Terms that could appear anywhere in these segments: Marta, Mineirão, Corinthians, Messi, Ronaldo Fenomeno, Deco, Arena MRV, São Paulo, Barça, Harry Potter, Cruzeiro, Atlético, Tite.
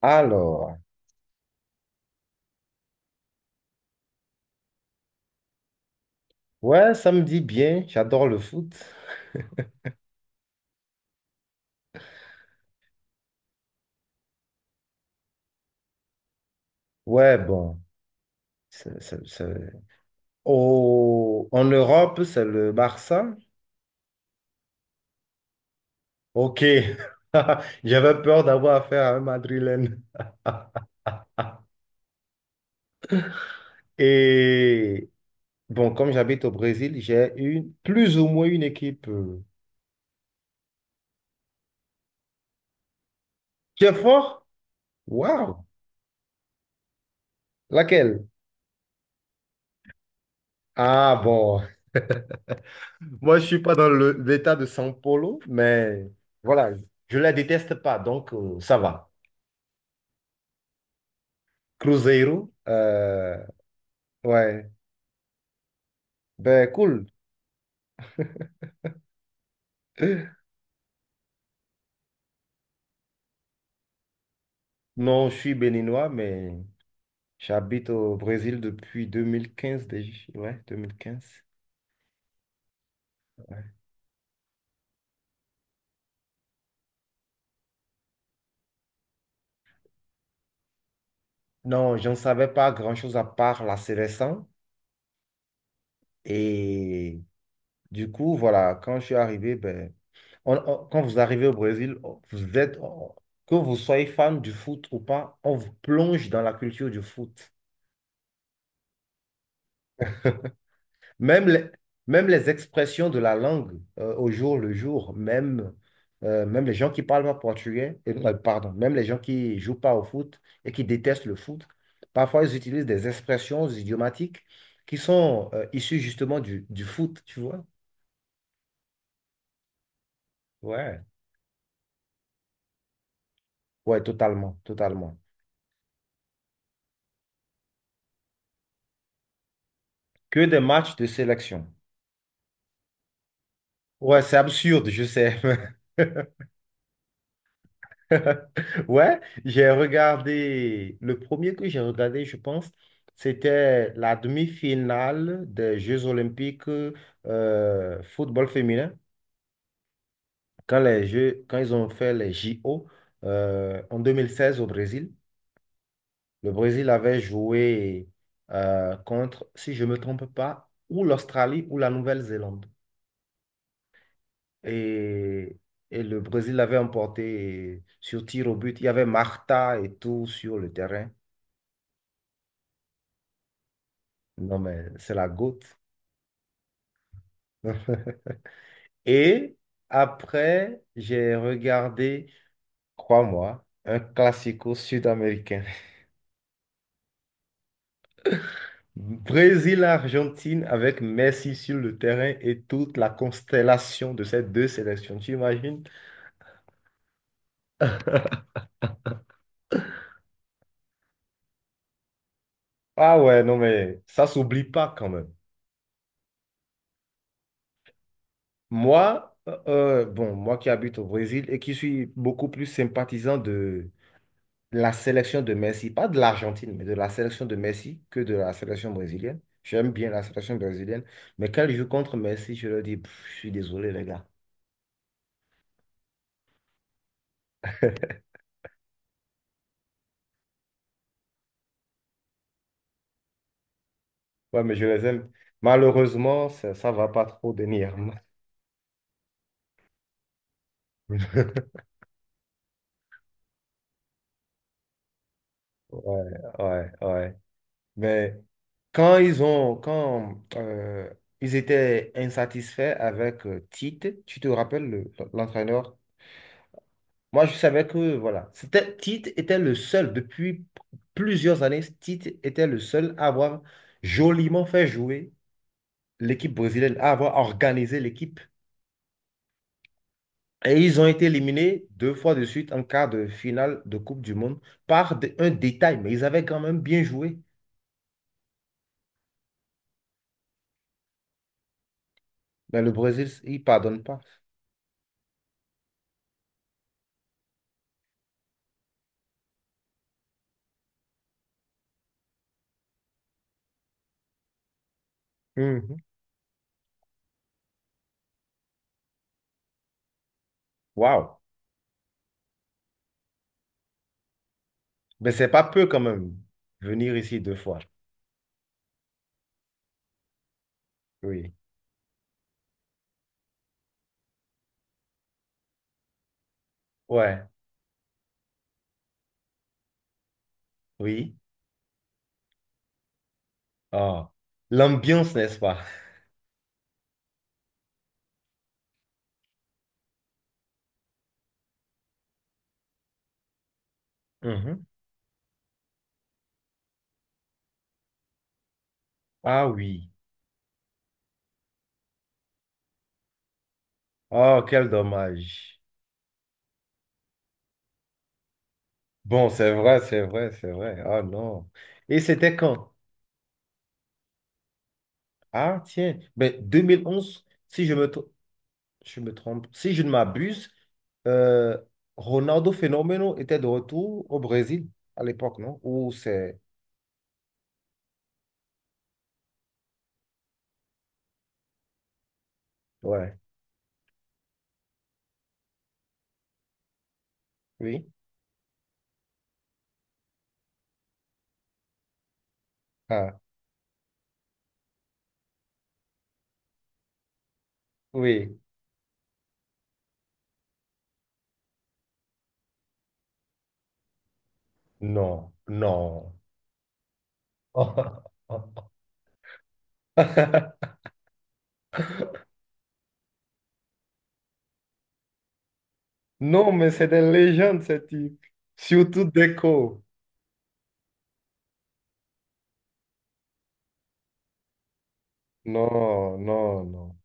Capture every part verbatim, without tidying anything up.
Alors, ouais, ça me dit bien, j'adore le foot. Ouais, bon, c'est- c'est- c'est- Au- en Europe, c'est le Barça. Ok, j'avais peur d'avoir affaire à un Madrilène. Et bon, comme j'habite au Brésil, j'ai une plus ou moins une équipe. euh, qui est fort? Waouh! Laquelle? Ah bon, moi je suis pas dans le- l'état de São Paulo, mais voilà, je la déteste pas, donc euh, ça va. Cruzeiro. euh, ouais. Ben, cool. Euh, Non, je suis béninois, mais j'habite au Brésil depuis deux mille quinze déjà. Ouais, deux mille quinze. Non, je ne savais pas grand-chose à part la sélection. Et du coup, voilà, quand je suis arrivé, ben, on- on- quand vous arrivez au Brésil, on- vous êtes, on- que vous soyez fan du foot ou pas, on vous plonge dans la culture du foot. Même les, même les expressions de la langue euh, au jour le jour, même, euh, même les gens qui parlent pas portugais, et- euh, pardon, même les gens qui jouent pas au foot et qui détestent le foot, parfois ils utilisent des expressions idiomatiques qui sont euh, issues justement du, du foot, tu vois? Ouais. Ouais, totalement, totalement. Que des matchs de sélection. Ouais, c'est absurde, je sais. Ouais, j'ai regardé, le premier que j'ai regardé, je pense, c'était la demi-finale des Jeux Olympiques euh, football féminin, quand les Jeux, quand ils ont fait les J O euh, en deux mille seize au Brésil. Le Brésil avait joué euh, contre, si je ne me trompe pas, ou l'Australie ou la Nouvelle-Zélande. Et, et le Brésil avait emporté sur tir au but. Il y avait Marta et tout sur le terrain. Non, mais c'est la goutte. Et après, j'ai regardé, crois-moi, un classico sud-américain. Brésil-Argentine avec Messi sur le terrain et toute la constellation de ces deux sélections, tu imagines? Ah ouais, non, mais ça s'oublie pas quand même. Moi, euh, euh, bon, moi qui habite au Brésil et qui suis beaucoup plus sympathisant de la sélection de Messi, pas de l'Argentine, mais de la sélection de Messi que de la sélection brésilienne. J'aime bien la sélection brésilienne, mais quand ils jouent contre Messi, je leur dis, Pff, je suis désolé, les gars. Ouais, mais je les aime. Malheureusement, ça, ça va pas trop venir. Ouais, ouais, ouais. Mais quand ils ont, quand euh, ils étaient insatisfaits avec euh, Tite, tu te rappelles le- l'entraîneur. Moi, je savais que, voilà, c'était, Tite était le seul, depuis plusieurs années, Tite était le seul à avoir joliment fait jouer l'équipe brésilienne, à avoir organisé l'équipe. Et ils ont été éliminés deux fois de suite en quart de finale de Coupe du Monde par d- un détail, mais ils avaient quand même bien joué. Mais le Brésil, il pardonne pas. Mhm. Waouh! Mais c'est pas peu quand même, venir ici deux fois. Oui. Ouais. Oui. Ah. L'ambiance, n'est-ce pas? Mhm. Ah oui. Oh, quel dommage. Bon, c'est vrai, c'est vrai, c'est vrai. Ah non. Et c'était quand? Ah tiens, mais deux mille onze. Si je me, tr- Je me trompe, si je ne m'abuse, euh, Ronaldo Fenomeno était de retour au Brésil à l'époque, non? Ou c'est... Ouais. Oui. Ah, oui. Non, non. Non, mais c'est des légendes, ce type. Surtout Deco. Non, non, non.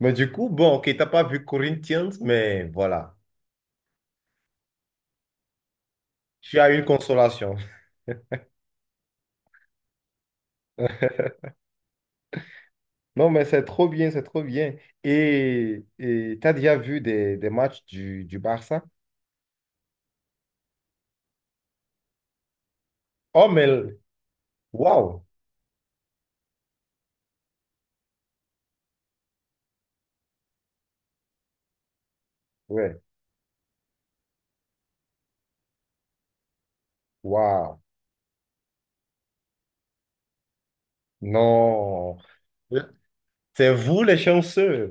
Mais du coup, bon, ok, t'as pas vu Corinthians, mais voilà, tu as une consolation. Non, mais c'est trop bien, c'est trop bien. Et et t'as déjà vu des, des matchs du, du Barça? Oh, mais l- waouh, ouais, waouh, non, c'est vous les chanceux.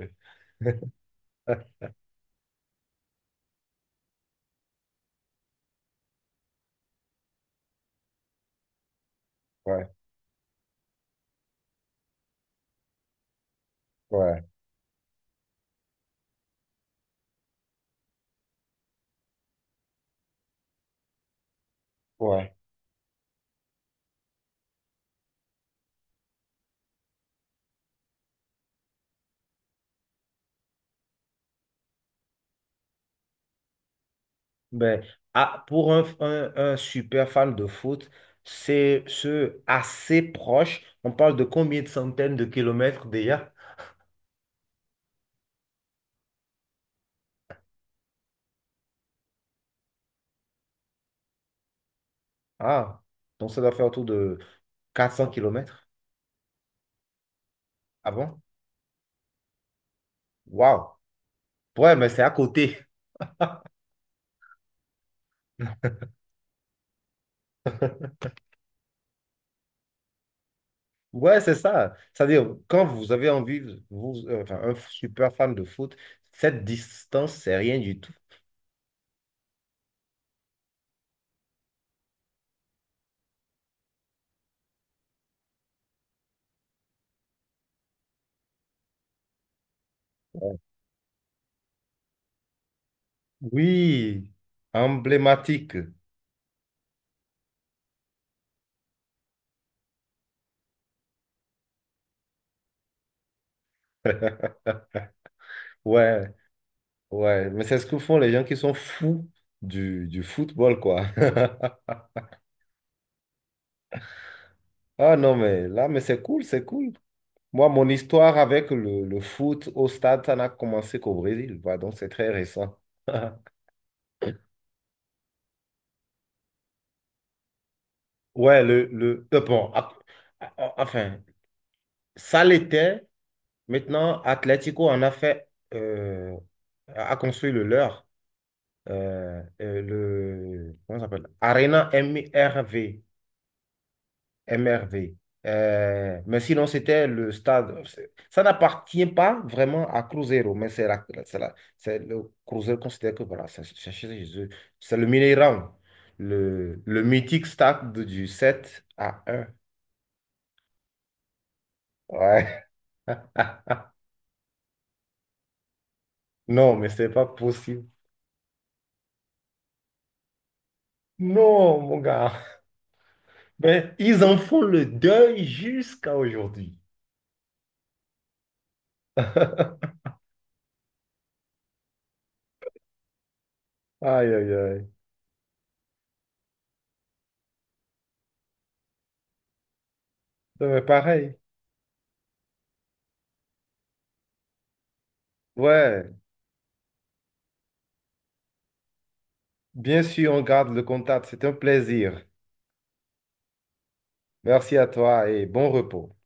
Ouais, ouais, ouais. Ben, ah, pour un, un- un super fan de foot, c'est ce assez proche. On parle de combien de centaines de kilomètres déjà? Ah, donc ça doit faire autour de quatre cents kilomètres. Ah bon? Waouh! Ouais, mais c'est à côté. Ouais, c'est ça. C'est-à-dire, quand vous avez envie, vous, euh, enfin, un super fan de foot, cette distance, c'est rien du tout. Oui, emblématique. Ouais, ouais. Mais c'est ce que font les gens qui sont fous du, du football, quoi. Ah non, mais là, mais c'est cool, c'est cool. Moi, mon histoire avec le, le foot au stade, ça n'a commencé qu'au Brésil, quoi, donc c'est très récent. Ouais, le, le, euh, bon, a- a- enfin, ça l'était. Maintenant, Atlético en a fait, euh, a a construit le leur. Euh, euh, le, comment ça s'appelle? Arena M R V. M R V. Euh, mais sinon, c'était le stade. c'est- Ça n'appartient pas vraiment à Cruzeiro, mais c'est la, c'est la- c'est le Cruzeiro considère que voilà, c'est c'est chez eux. C'est le Mineirão, le, le mythique stade de- du sept à un. Ouais. Non, mais c'est pas possible. Non, mon gars. Mais ils en font le deuil jusqu'à aujourd'hui. Aïe, aïe, aïe. Non, mais pareil. Ouais, bien sûr, on garde le contact. C'est un plaisir. Merci à toi et bon repos.